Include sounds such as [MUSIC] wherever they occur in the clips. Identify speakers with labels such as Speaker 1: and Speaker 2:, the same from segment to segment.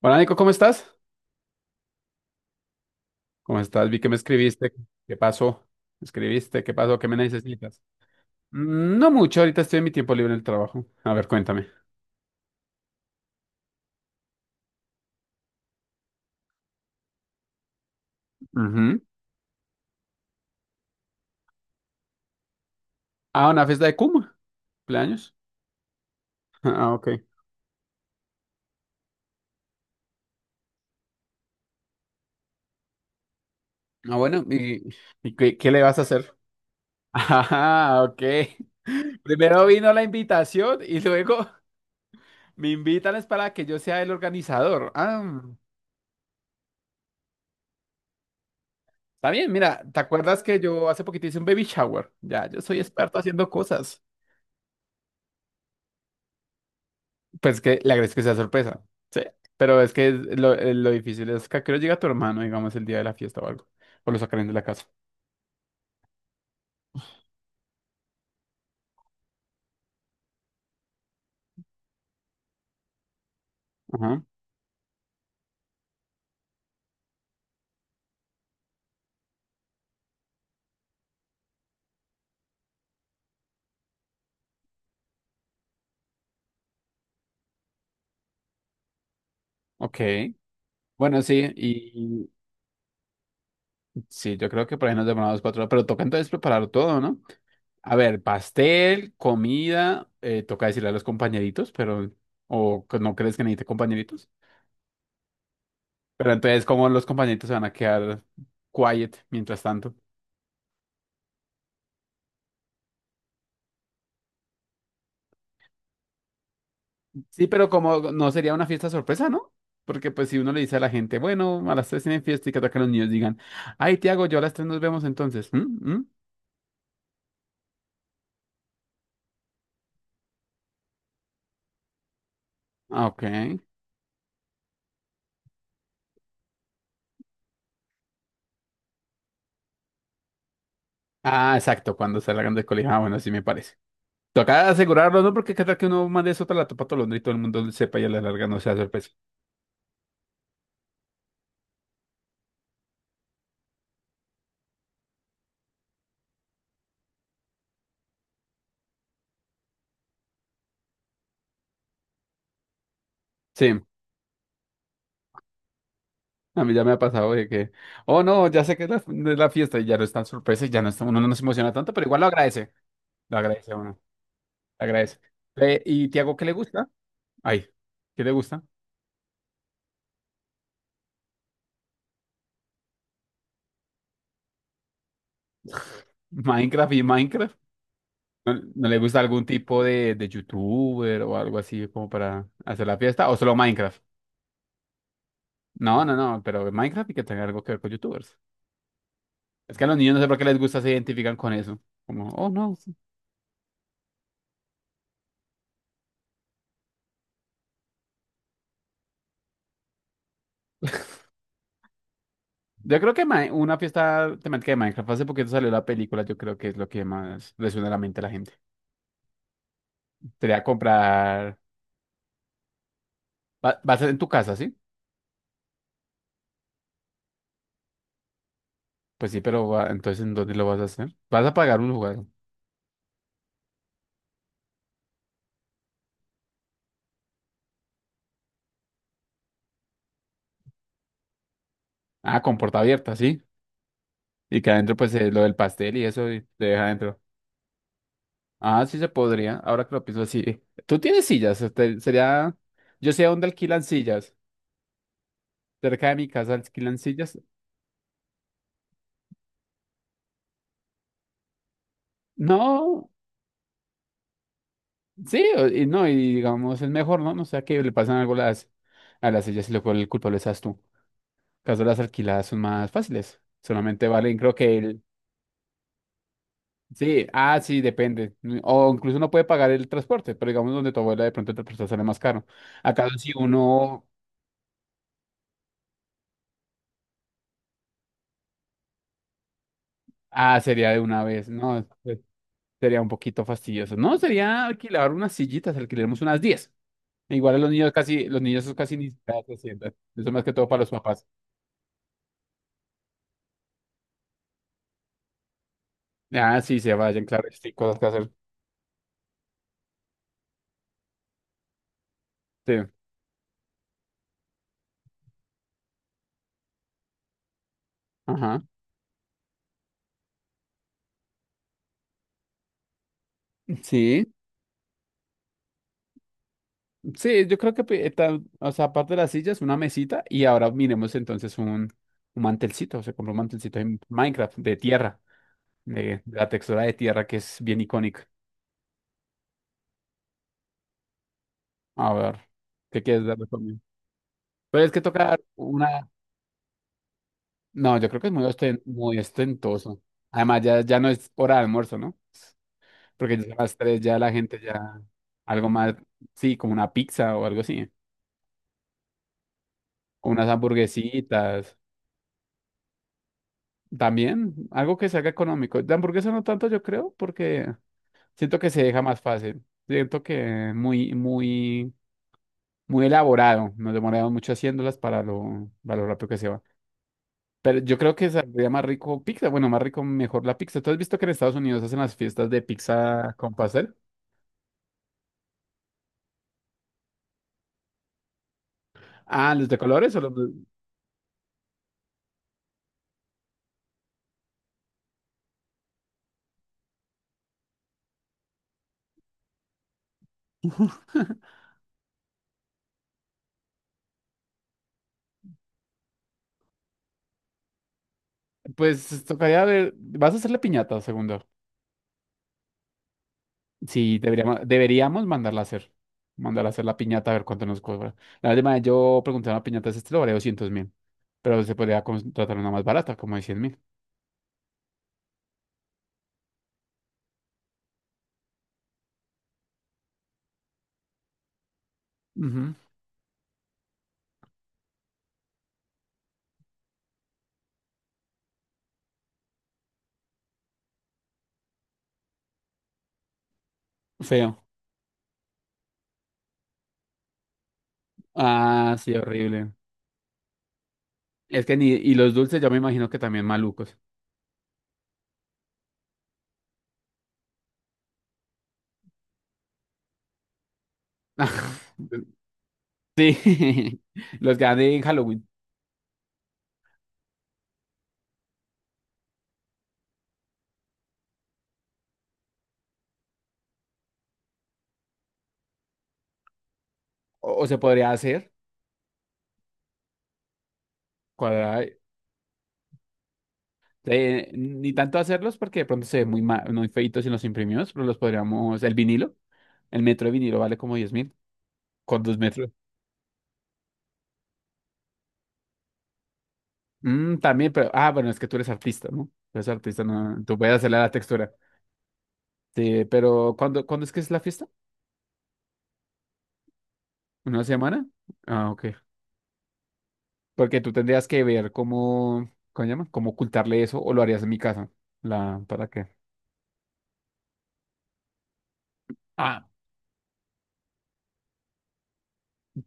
Speaker 1: Hola Nico, ¿cómo estás? ¿Cómo estás? Vi que me escribiste. ¿Qué pasó? ¿Me escribiste? ¿Qué pasó? ¿Qué me necesitas? No mucho, ahorita estoy en mi tiempo libre en el trabajo. A ver, cuéntame. Ujú. Ah, una fiesta de Kuma, cumpleaños. [LAUGHS] Ah, ok. Ah, bueno, ¿y qué le vas a hacer? Ah, ok. [LAUGHS] Primero vino la invitación y luego [LAUGHS] me invitan es para que yo sea el organizador. Ah, está bien, mira, ¿te acuerdas que yo hace poquito hice un baby shower? Ya, yo soy experto haciendo cosas. Pues que le agradezco que sea sorpresa. Sí. Pero es que lo difícil es que a qué hora llega tu hermano, digamos, el día de la fiesta o algo. O lo sacarán de la casa. Ajá. Ok. Bueno, sí, y sí, yo creo que por ahí nos demoramos 4 horas, pero toca entonces preparar todo, ¿no? A ver, pastel, comida, toca decirle a los compañeritos, pero, o que no crees que necesite compañeritos. Pero entonces, ¿cómo los compañeritos se van a quedar quiet mientras tanto? Sí, pero como no sería una fiesta sorpresa, ¿no? Porque pues si uno le dice a la gente, bueno, a las tres tienen fiesta y que atacan los niños digan, ay, Tiago, yo a las tres nos vemos entonces. ¿Mm? ¿Mm? Ah, ok. Ah, exacto, cuando salgan del colegio. Ah, bueno, así me parece. Toca asegurarlo, ¿no? Porque cada que uno mande eso a la topa tolondra y todo el mundo sepa y a la larga no sea sorpresa. Sí, a mí ya me ha pasado de que, oh no, ya sé que es la, no es la fiesta y ya no es tan sorpresa y ya no está, uno no se emociona tanto, pero igual lo agradece. Lo agradece a uno, lo agradece. ¿Y Tiago qué le gusta? Ay, ¿qué le gusta? Minecraft y Minecraft. ¿No, no le gusta algún tipo de youtuber o algo así como para hacer la fiesta? ¿O solo Minecraft? No, no, no, pero Minecraft y que tenga algo que ver con youtubers. Es que a los niños no sé por qué les gusta, se identifican con eso. Como, oh no. Sí. Yo creo que una fiesta temática de Minecraft, hace poquito salió la película, yo creo que es lo que más le suena a la mente a la gente. Sería comprar. Va a ser en tu casa, ¿sí? Pues sí, pero entonces ¿en dónde lo vas a hacer? Vas a pagar un lugar. Ah, con puerta abierta, sí. Y que adentro, pues lo del pastel y eso y te deja adentro. Ah, sí se podría. Ahora que lo pienso así. Tú tienes sillas. Este, sería. Yo sé dónde alquilan sillas. Cerca de mi casa alquilan sillas. No. Sí, y no, y digamos, es mejor, ¿no? No sea que le pasan algo a las, sillas y luego el culpable seas tú. Caso las alquiladas son más fáciles. Solamente valen, creo que el. Sí, ah, sí, depende. O incluso uno puede pagar el transporte, pero digamos donde tu abuela de pronto el transporte sale más caro. Acaso si uno. Ah, sería de una vez. No, sería un poquito fastidioso. No, sería alquilar unas sillitas, alquilaremos unas 10. Igual a los niños casi ni siquiera se sientan. Eso más que todo para los papás. Ah, sí, se vayan, claro, sí, cosas que hacer. Sí. Ajá. Sí, sí, yo creo que, o sea, aparte de las sillas, una mesita y ahora miremos entonces un mantelcito. Se compró un mantelcito en Minecraft de tierra, de la textura de tierra que es bien icónica. A ver, ¿qué quieres darle conmigo? Pero es que tocar una. No, yo creo que es muy ostentoso. Además, ya no es hora de almuerzo, ¿no? Porque ya a las tres ya la gente ya algo más, sí, como una pizza o algo así, o unas hamburguesitas. También algo que se haga económico. De hamburguesa no tanto, yo creo, porque siento que se deja más fácil. Siento que muy, muy, muy elaborado. Nos demoramos mucho haciéndolas para lo rápido que se va. Pero yo creo que saldría más rico pizza. Bueno, más rico, mejor la pizza. ¿Tú has visto que en Estados Unidos hacen las fiestas de pizza con pastel? Ah, ¿los de colores o los de- Pues tocaría ver. ¿Vas a hacer la piñata, segundo? Sí, deberíamos mandarla a hacer. Mandarla a hacer la piñata a ver cuánto nos cobra. La última vez yo pregunté a una piñata de este lo valía 200.000. Pero se podría contratar una más barata, como de 100.000. Ujú. Feo. Ah, sí, horrible. Es que ni. Y los dulces yo me imagino que también malucos. [LAUGHS] Sí, [LAUGHS] los que dan en Halloween. O se podría hacer, cuadrar, ni tanto hacerlos porque de pronto se ven muy feitos si los imprimimos, pero los podríamos, el vinilo, el metro de vinilo vale como 10.000, con 2 metros. También, pero, ah, bueno, es que tú eres artista, ¿no? Tú eres artista, no, tú puedes hacerle a la textura. Sí, pero ¿cuándo es que es la fiesta? ¿Una semana? Ah, ok. Porque tú tendrías que ver cómo, ¿cómo se llama? Cómo ocultarle eso o lo harías en mi casa. La, ¿para qué?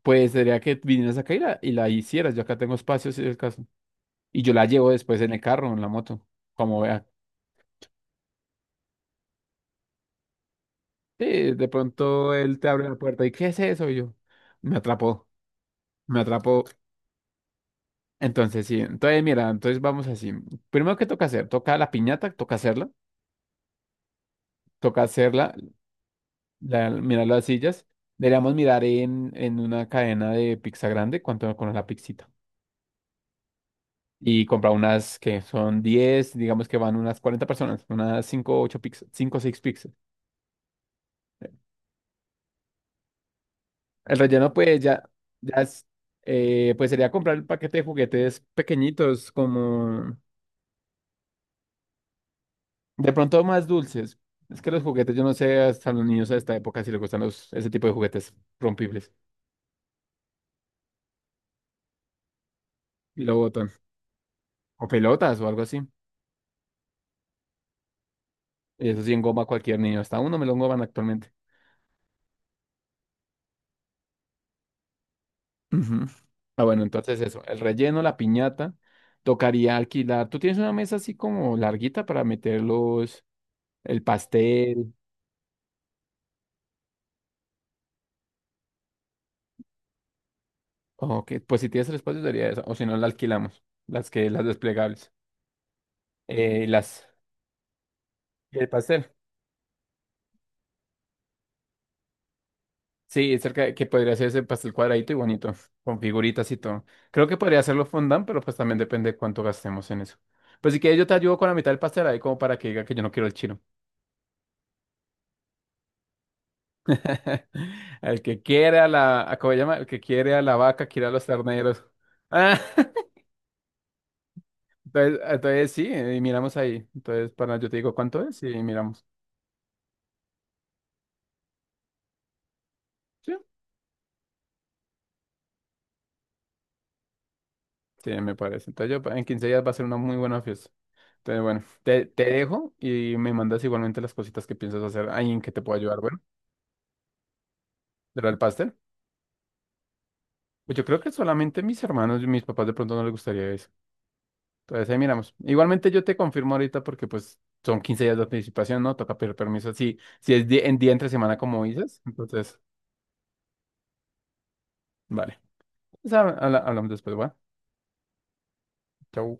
Speaker 1: Pues sería que vinieras acá y la, hicieras. Yo acá tengo espacio, si es el caso. Y yo la llevo después en el carro, o en la moto, como vea. Sí, de pronto él te abre la puerta y ¿qué es eso? Y yo, me atrapó, me atrapó. Entonces, sí, entonces mira, entonces vamos así. Primero, ¿qué toca hacer? Toca la piñata, toca hacerla, mirar las sillas. Deberíamos mirar en una cadena de pizza grande cuánto con la pizzita. Y comprar unas que son 10 digamos que van unas 40 personas, unas 5 8 pizzas, 5 o seis pizzas. El relleno, pues ya es, pues sería comprar el paquete de juguetes pequeñitos, como de pronto más dulces. Es que los juguetes, yo no sé hasta los niños a esta época si les gustan ese tipo de juguetes rompibles y lo botan. O pelotas o algo así. Y eso sí engoma a cualquier niño. Hasta uno me lo engoman actualmente. Ujú. Ah, bueno, entonces eso. El relleno, la piñata, tocaría alquilar. ¿Tú tienes una mesa así como larguita para meterlos, el pastel? Ok, pues si tienes el espacio sería esa, o si no la alquilamos, las desplegables. Eh, y las, y el pastel. Sí, cerca que podría ser ese pastel cuadradito y bonito, con figuritas y todo. Creo que podría hacerlo fondant, pero pues también depende de cuánto gastemos en eso. Pues si quieres yo te ayudo con la mitad del pastel ahí como para que diga que yo no quiero el chino. [LAUGHS] El que quiere a la, ¿a ¿cómo se llama? El que quiere a la vaca, quiere a los terneros. Ah, [LAUGHS] entonces sí, y miramos ahí. Entonces, para yo te digo cuánto es y miramos. ¿Sí? Sí, me parece. Entonces yo en 15 días va a ser una muy buena fiesta. Entonces, bueno, te dejo y me mandas igualmente las cositas que piensas hacer ahí en que te pueda ayudar. Bueno, ¿de lo del pastel? Pues yo creo que solamente mis hermanos y mis papás de pronto no les gustaría eso. Entonces ahí miramos. Igualmente yo te confirmo ahorita porque pues son 15 días de anticipación, ¿no? Toca pedir permiso. Si es en día entre semana como dices, entonces, vale. Pues, hablamos después, ¿va? Chau.